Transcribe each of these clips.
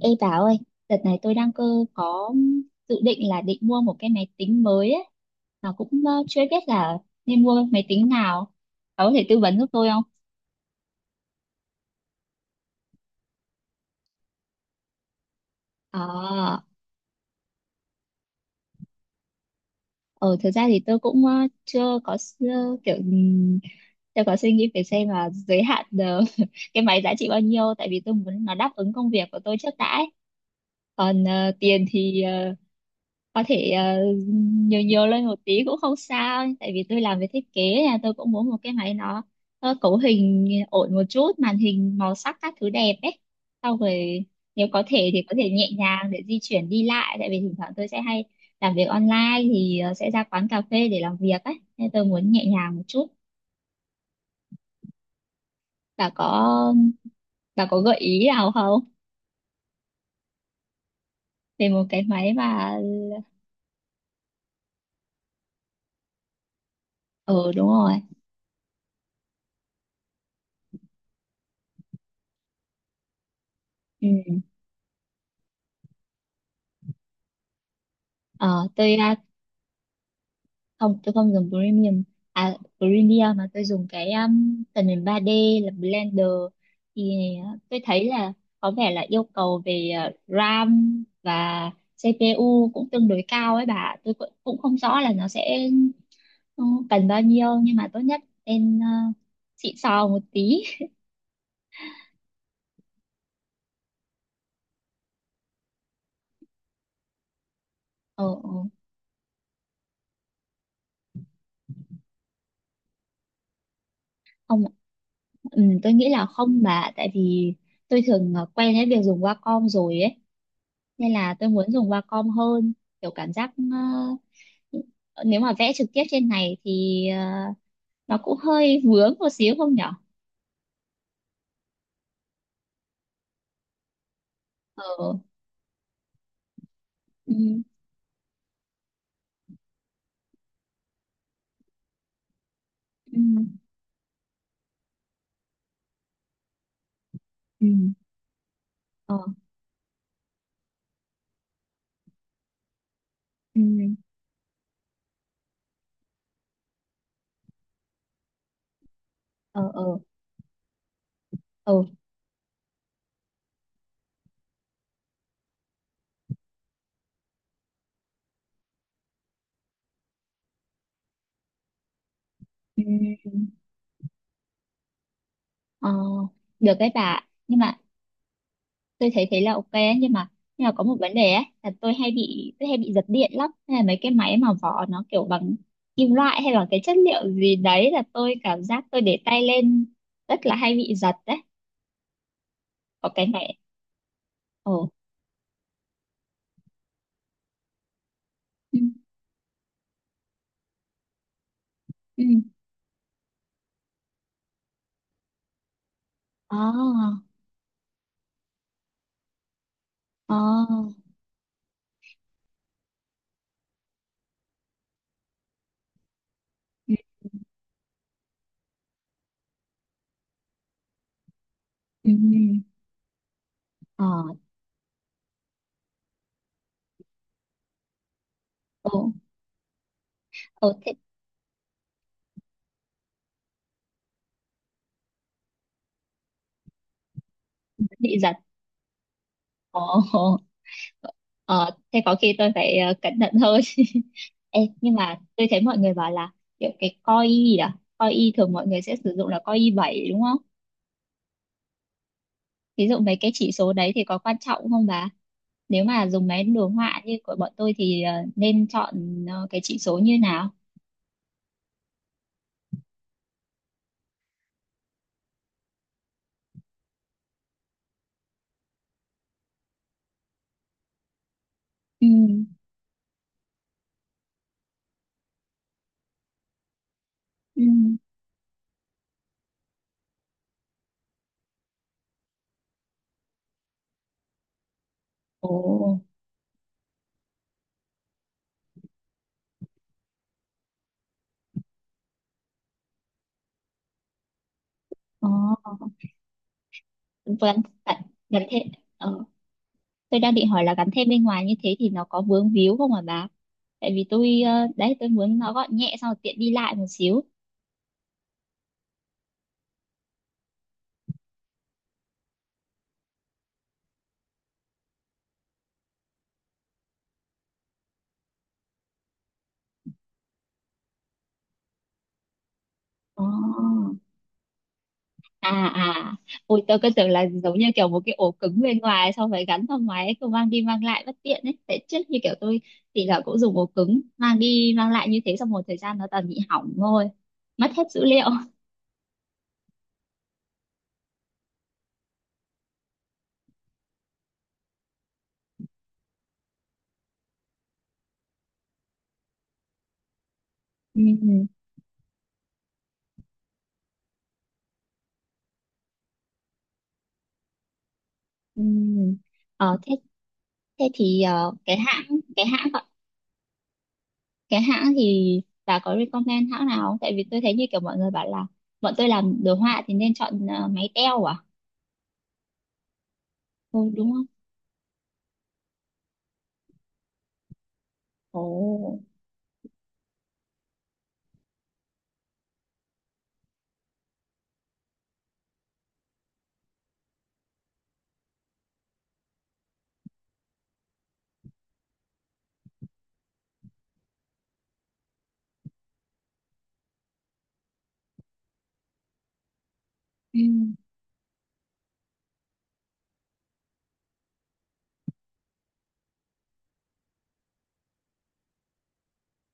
Ê bà ơi, đợt này tôi đang cơ có dự định là định mua một cái máy tính mới ấy. Mà cũng chưa biết là nên mua máy tính nào. Bà có thể tư vấn giúp tôi không? Ờ, ờ thực ra thì tôi cũng chưa có kiểu chưa có suy nghĩ về xem là giới hạn cái máy giá trị bao nhiêu, tại vì tôi muốn nó đáp ứng công việc của tôi trước đã ấy. Còn tiền thì có thể nhiều nhiều lên một tí cũng không sao, tại vì tôi làm về thiết kế nha, tôi cũng muốn một cái máy nó cấu hình ổn một chút, màn hình màu sắc các thứ đẹp ấy. Sau rồi nếu có thể thì có thể nhẹ nhàng để di chuyển đi lại, tại vì thỉnh thoảng tôi sẽ hay làm việc online thì sẽ ra quán cà phê để làm việc ấy, nên tôi muốn nhẹ nhàng một chút. Bà có bà có gợi ý nào không, về một cái máy mà... Ừ, đúng rồi. Ừ. Ờ, tôi à, không tôi không dùng premium. À, premium mà tôi dùng cái tần nền 3D là Blender. Thì tôi thấy là có vẻ là yêu cầu về RAM và CPU cũng tương đối cao ấy bà, tôi cũng cũng không rõ là nó sẽ ừ, cần bao nhiêu, nhưng mà tốt nhất nên xịn sò một tí. Ờ. Ờ. Không. Ừ, tôi nghĩ là không bà, tại vì tôi thường quen với việc dùng Wacom rồi ấy, nên là tôi muốn dùng Wacom hơn. Kiểu cảm giác à, Ờ, nếu mà vẽ trực tiếp trên này thì nó cũng hơi vướng một xíu không nhở. Ờ. Ừ. Ừ. Ừ. Ờ. Ừ. Ờ. Ờ. Ờ. Ừ. Ờ. Được đấy bà. Nhưng mà tôi thấy thế là ok ấy, nhưng mà có một vấn đề ấy là tôi hay bị giật điện lắm, hay là mấy cái máy mà vỏ nó kiểu bằng kim loại hay là cái chất liệu gì đấy là tôi cảm giác tôi để tay lên rất là hay bị giật đấy. Có cái này... Ồ. Ừ. Ừ. Ờ. Ờ. Ừ, ừ, ừ. Ờ. Ồ. Ồ thế. Bị giật. Ồ. Ồ. ờ thế có khi tôi phải cẩn thận hơn Ê, nhưng mà tôi thấy mọi người bảo là kiểu cái coi gì đó, coi y thường mọi người sẽ sử dụng là coi y 7 đúng không, ví dụ mấy cái chỉ số đấy thì có quan trọng không bà? Nếu mà dùng máy đồ họa như của bọn tôi thì nên chọn cái chỉ số như nào? Ừ. Ừ. Ồ. Ờ. vẫn vẫn vẫn thế. Tôi đang định hỏi là gắn thêm bên ngoài như thế thì nó có vướng víu không hả bà? Tại vì tôi đấy, tôi muốn nó gọn nhẹ xong rồi tiện đi lại một xíu. Ồ. À à, ôi tôi cứ tưởng là giống như kiểu một cái ổ cứng bên ngoài xong phải gắn vào ngoài ấy, cứ mang đi mang lại bất tiện ấy. Tại trước như kiểu tôi thì là cũng dùng ổ cứng mang đi mang lại như thế xong một thời gian nó toàn bị hỏng thôi, mất hết dữ liệu. Ừ, ừ. Ờ, thế thế thì cái hãng cái hãng thì bà có recommend hãng nào không? Tại vì tôi thấy như kiểu mọi người bảo là bọn tôi làm đồ họa thì nên chọn máy teo à? Ừ, đúng không? Ồ. Ừ.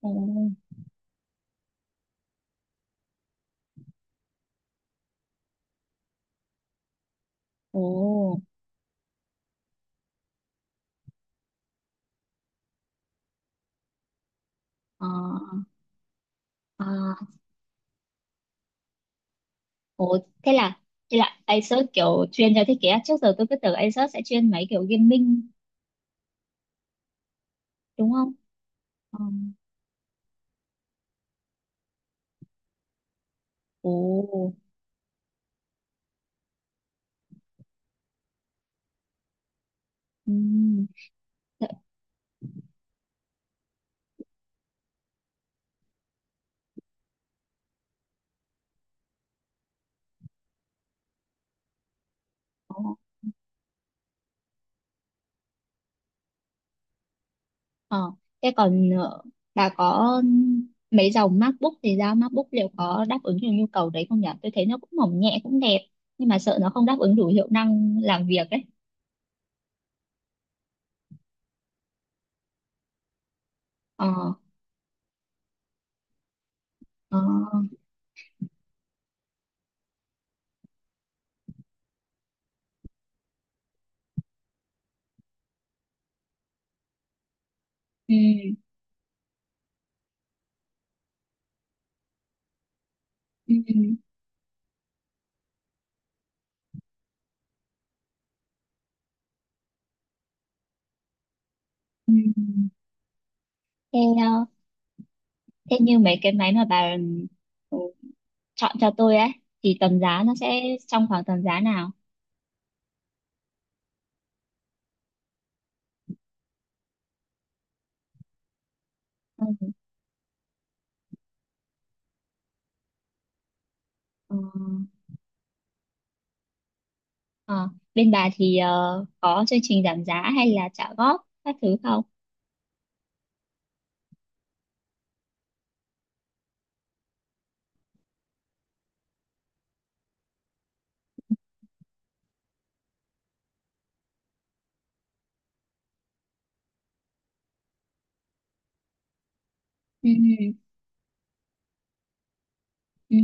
Ồ. Ồ. Ờ. À. Ồ, thế là Acer kiểu chuyên cho thiết kế à? Trước giờ tôi cứ tưởng Acer sẽ chuyên mấy kiểu gaming đúng không? Ờ. Ồ. Ừ. Thế- Ồ. Ờ, thế còn bà có mấy dòng MacBook thì sao, MacBook liệu có đáp ứng được nhu cầu đấy không nhỉ? Tôi thấy nó cũng mỏng nhẹ cũng đẹp, nhưng mà sợ nó không đáp ứng đủ hiệu năng làm việc ấy. Ờ. Ờ. Ừ. Ừ. Ừ. Ừ. Thế, thế như mấy cái máy mà bà ừ, chọn cho tôi ấy thì tầm giá nó sẽ trong khoảng tầm giá nào? Ừ. Ờ. Ờ. Bên bà thì có chương trình giảm giá hay là trả góp các thứ không? Ừ, ừ.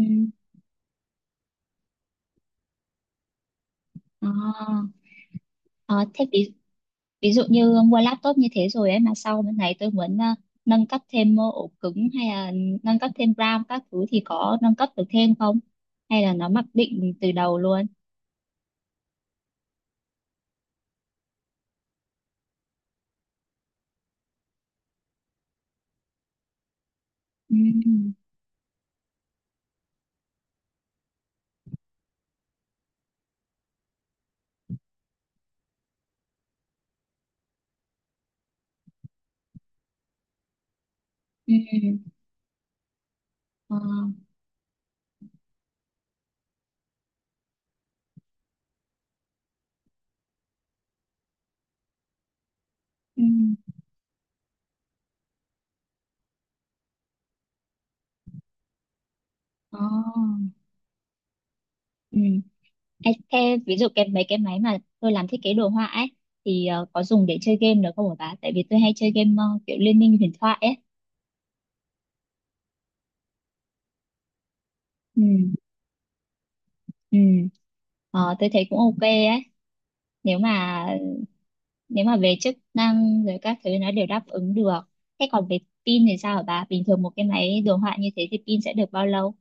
À. Ờ, thế ví dụ như mua laptop như thế rồi ấy mà sau bên này tôi muốn nâng cấp thêm ổ cứng hay là nâng cấp thêm RAM các thứ thì có nâng cấp được thêm không? Hay là nó mặc định từ đầu luôn? Ừ. Ừ. Ờ. Ừ. Ờ. Ừ. Ê, thế ví dụ cái mấy cái máy mà tôi làm thiết kế đồ họa ấy thì có dùng để chơi game được không hả bà? Tại vì tôi hay chơi game kiểu Liên minh huyền thoại ấy. Ừ, ừ. Ờ, tôi thấy cũng ok ấy. Nếu mà nếu mà về chức năng rồi các thứ nó đều đáp ứng được, thế còn về pin thì sao hả bà? Bình thường một cái máy đồ họa như thế thì pin sẽ được bao lâu?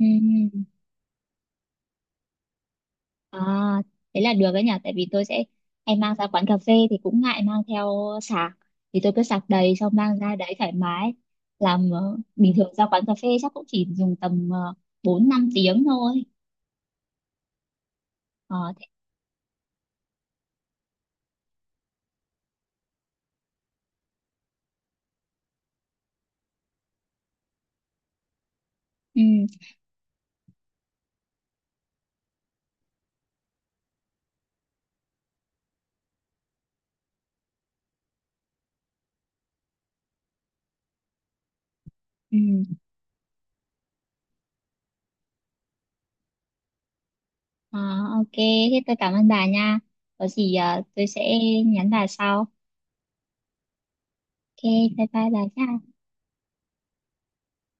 Ừm. À, thế là được đấy nhỉ, tại vì tôi sẽ hay mang ra quán cà phê thì cũng ngại mang theo sạc, thì tôi cứ sạc đầy xong mang ra đấy thoải mái làm. Ờ, Bình thường ra quán cà phê chắc cũng chỉ dùng tầm bốn năm tiếng thôi. Ờ, thế. Ừ, ừ. Ờ, ok, thế tôi cảm ơn bà nha, có gì tôi sẽ nhắn bà sau. Ok. Bye bye bà nha.